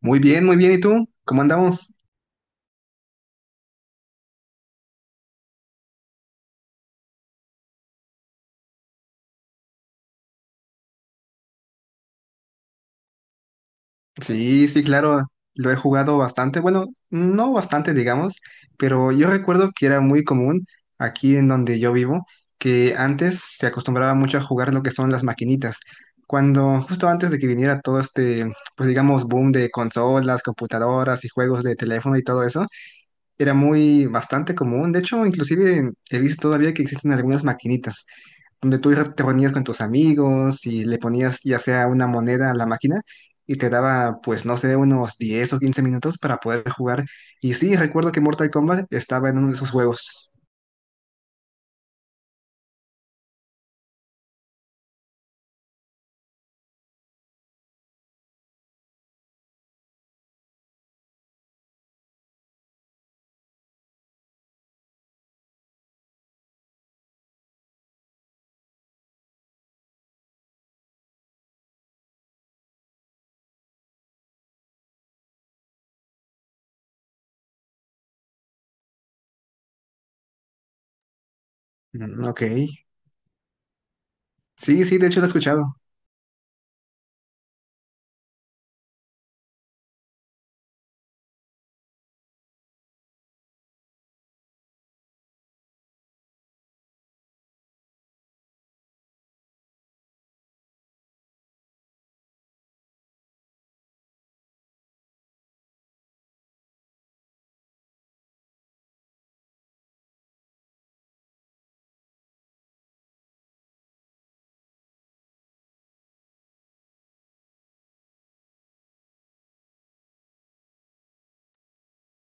Muy bien, muy bien. ¿Y tú? ¿Cómo andamos? Sí, sí, claro. Lo he jugado bastante. Bueno, no bastante, digamos, pero yo recuerdo que era muy común aquí en donde yo vivo, que antes se acostumbraba mucho a jugar lo que son las maquinitas. Cuando, justo antes de que viniera todo este, pues digamos, boom de consolas, computadoras y juegos de teléfono y todo eso, era muy bastante común. De hecho, inclusive he visto todavía que existen algunas maquinitas, donde tú te reunías con tus amigos y le ponías ya sea una moneda a la máquina y te daba, pues no sé, unos 10 o 15 minutos para poder jugar. Y sí, recuerdo que Mortal Kombat estaba en uno de esos juegos. Mm, ok. Sí, sí, de hecho lo he escuchado.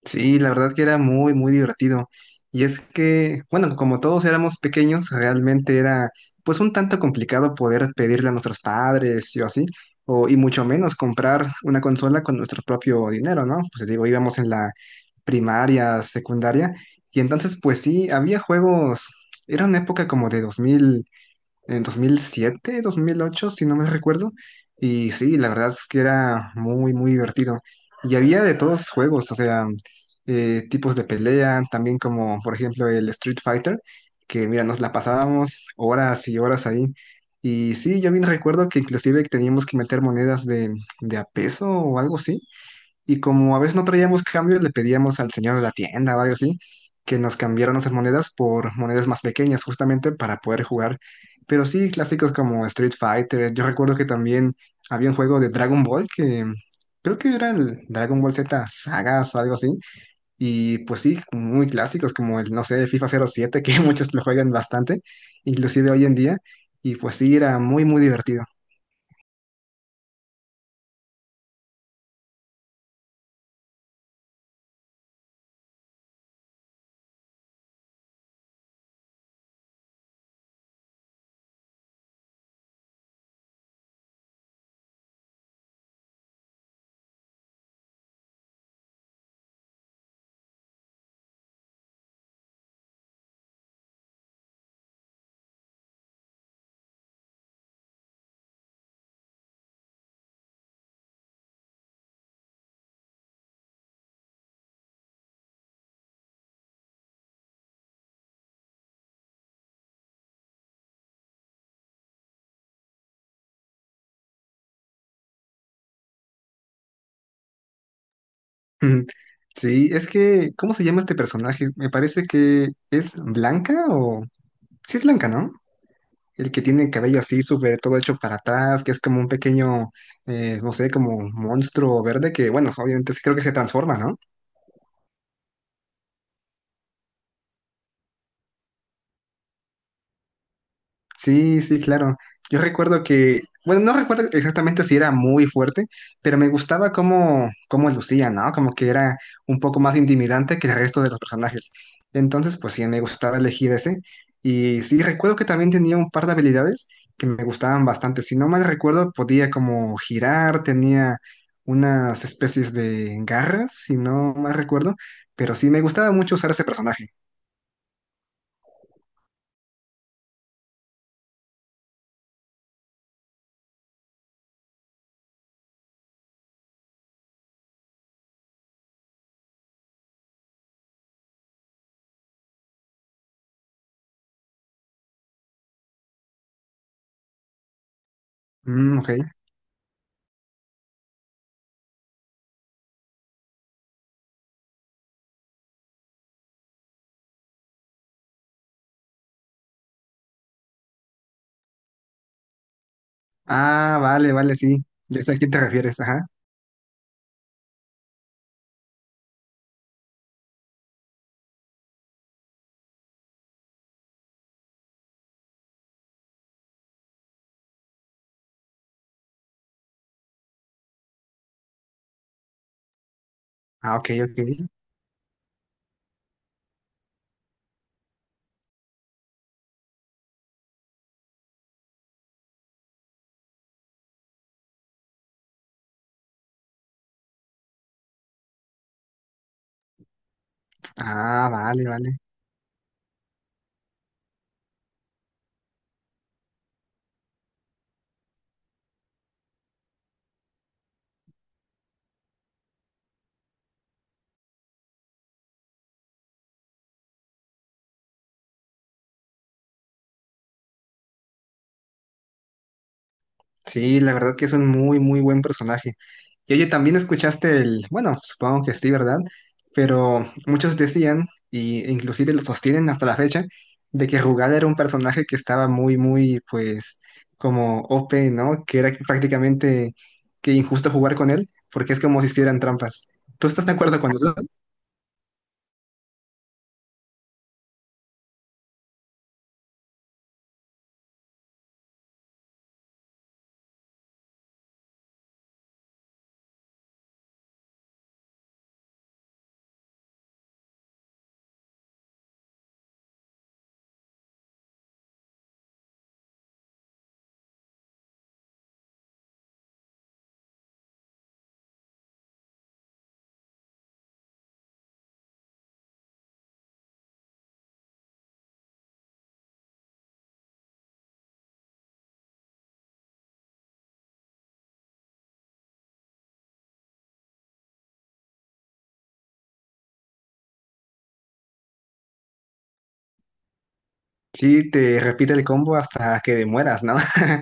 Sí, la verdad que era muy, muy divertido. Y es que, bueno, como todos éramos pequeños, realmente era pues un tanto complicado poder pedirle a nuestros padres y o así, o, y mucho menos comprar una consola con nuestro propio dinero, ¿no? Pues digo, íbamos en la primaria, secundaria, y entonces pues sí, había juegos. Era una época como de en dos mil siete dos mil ocho, si no me recuerdo. Y sí, la verdad es que era muy, muy divertido. Y había de todos juegos, o sea, tipos de pelea, también como por ejemplo el Street Fighter, que mira, nos la pasábamos horas y horas ahí. Y sí, yo bien recuerdo que inclusive teníamos que meter monedas de a peso o algo así, y como a veces no traíamos cambios, le pedíamos al señor de la tienda o algo así que nos cambiaran nuestras monedas por monedas más pequeñas, justamente para poder jugar. Pero sí, clásicos como Street Fighter. Yo recuerdo que también había un juego de Dragon Ball que creo que era el Dragon Ball Z Sagas o algo así. Y pues sí, muy clásicos como el, no sé, FIFA 07, que muchos lo juegan bastante, inclusive hoy en día. Y pues sí, era muy, muy divertido. Ujú. Sí, es que, ¿cómo se llama este personaje? Me parece que es Blanca o... Sí, es Blanca, ¿no? El que tiene el cabello así, súper todo hecho para atrás, que es como un pequeño, no sé, como monstruo verde que, bueno, obviamente sí creo que se transforma, ¿no? Sí, sí, claro. Yo recuerdo que, bueno, no recuerdo exactamente si era muy fuerte, pero me gustaba cómo, cómo lucía, ¿no? Como que era un poco más intimidante que el resto de los personajes. Entonces, pues sí, me gustaba elegir ese. Y sí, recuerdo que también tenía un par de habilidades que me gustaban bastante. Si no mal recuerdo, podía como girar, tenía unas especies de garras, si no mal recuerdo, pero sí, me gustaba mucho usar ese personaje. Mm, ok. Ah, vale, vale, sí. Ya sé a quién te refieres, ajá. Ah, ok, ok. Ah, vale, vale. Sí, la verdad que es un muy, muy buen personaje. Y oye, también escuchaste el, bueno, supongo que sí, ¿verdad? Pero muchos decían, y e inclusive lo sostienen hasta la fecha, de que Rugal era un personaje que estaba muy, muy, pues, como OP, ¿no? Que era prácticamente que injusto jugar con él, porque es como si hicieran trampas. ¿Tú estás de acuerdo con eso? Sí, te repite el combo hasta que mueras, ¿no?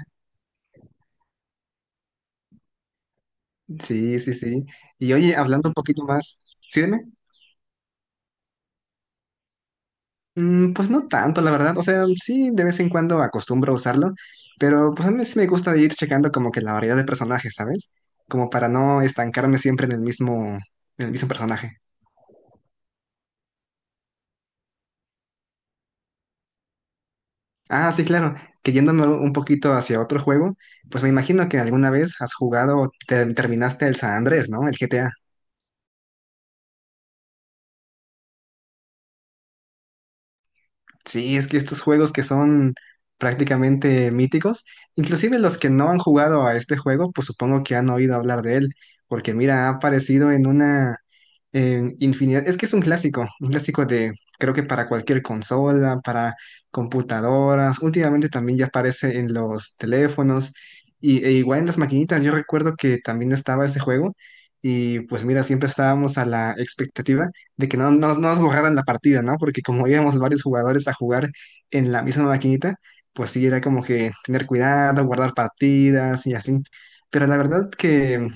Sí, sí, sí. Y oye, hablando un poquito más, sí, dime. Mm, pues no tanto, la verdad. O sea, sí, de vez en cuando acostumbro a usarlo, pero pues a mí sí me gusta ir checando como que la variedad de personajes, ¿sabes? Como para no estancarme siempre en el mismo personaje. Ah, sí, claro, que yéndome un poquito hacia otro juego, pues me imagino que alguna vez has jugado o terminaste el San Andrés, ¿no? El GTA. Sí, es que estos juegos que son prácticamente míticos, inclusive los que no han jugado a este juego, pues supongo que han oído hablar de él, porque mira, ha aparecido en una en infinidad. Es que es un clásico de, creo que para cualquier consola, para computadoras. Últimamente también ya aparece en los teléfonos y, e igual en las maquinitas. Yo recuerdo que también estaba ese juego y pues mira, siempre estábamos a la expectativa de que no nos borraran la partida, ¿no? Porque como íbamos varios jugadores a jugar en la misma maquinita, pues sí, era como que tener cuidado, guardar partidas y así. Pero la verdad que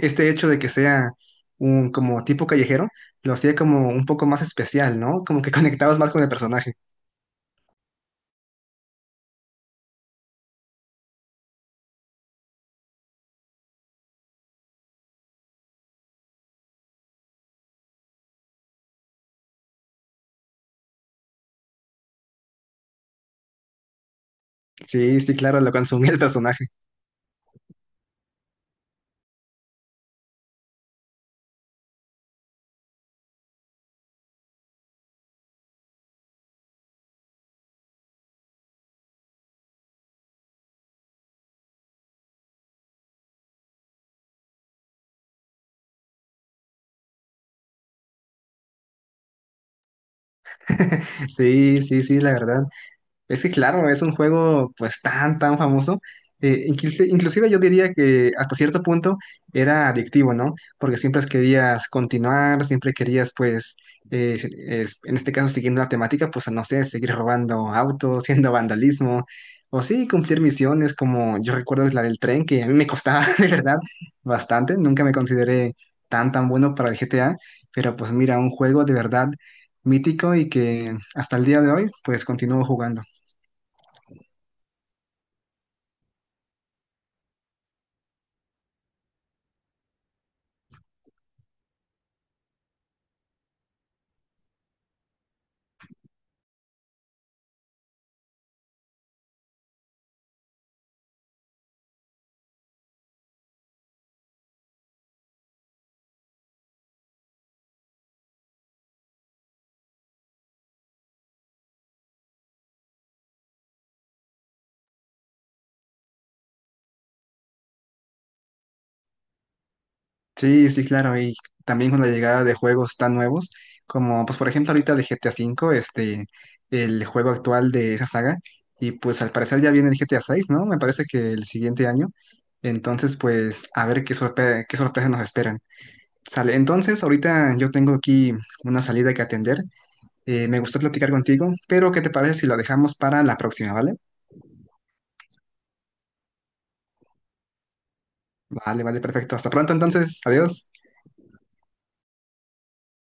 este hecho de que sea un como tipo callejero lo hacía como un poco más especial, ¿no? Como que conectabas más con el personaje. Sí, sí, claro, lo consumía el personaje. Sí, sí, sí, la verdad. Es que claro, es un juego pues tan, tan famoso. Inclusive yo diría que hasta cierto punto era adictivo, ¿no? Porque siempre querías continuar, siempre querías pues, en este caso siguiendo la temática, pues no sé, seguir robando autos, haciendo vandalismo, o sí, cumplir misiones como yo recuerdo la del tren, que a mí me costaba de verdad bastante. Nunca me consideré tan, tan bueno para el GTA, pero pues mira, un juego de verdad mítico y que hasta el día de hoy pues continúo jugando. Sí, sí, claro, y también con la llegada de juegos tan nuevos, como pues por ejemplo ahorita de GTA V, este, el juego actual de esa saga, y pues al parecer ya viene el GTA VI, ¿no? Me parece que el siguiente año. Entonces pues a ver qué qué sorpresas nos esperan. Sale, entonces ahorita yo tengo aquí una salida que atender, me gustó platicar contigo, pero ¿qué te parece si la dejamos para la próxima, ¿vale? Vale, vale, perfecto, hasta pronto entonces, adiós.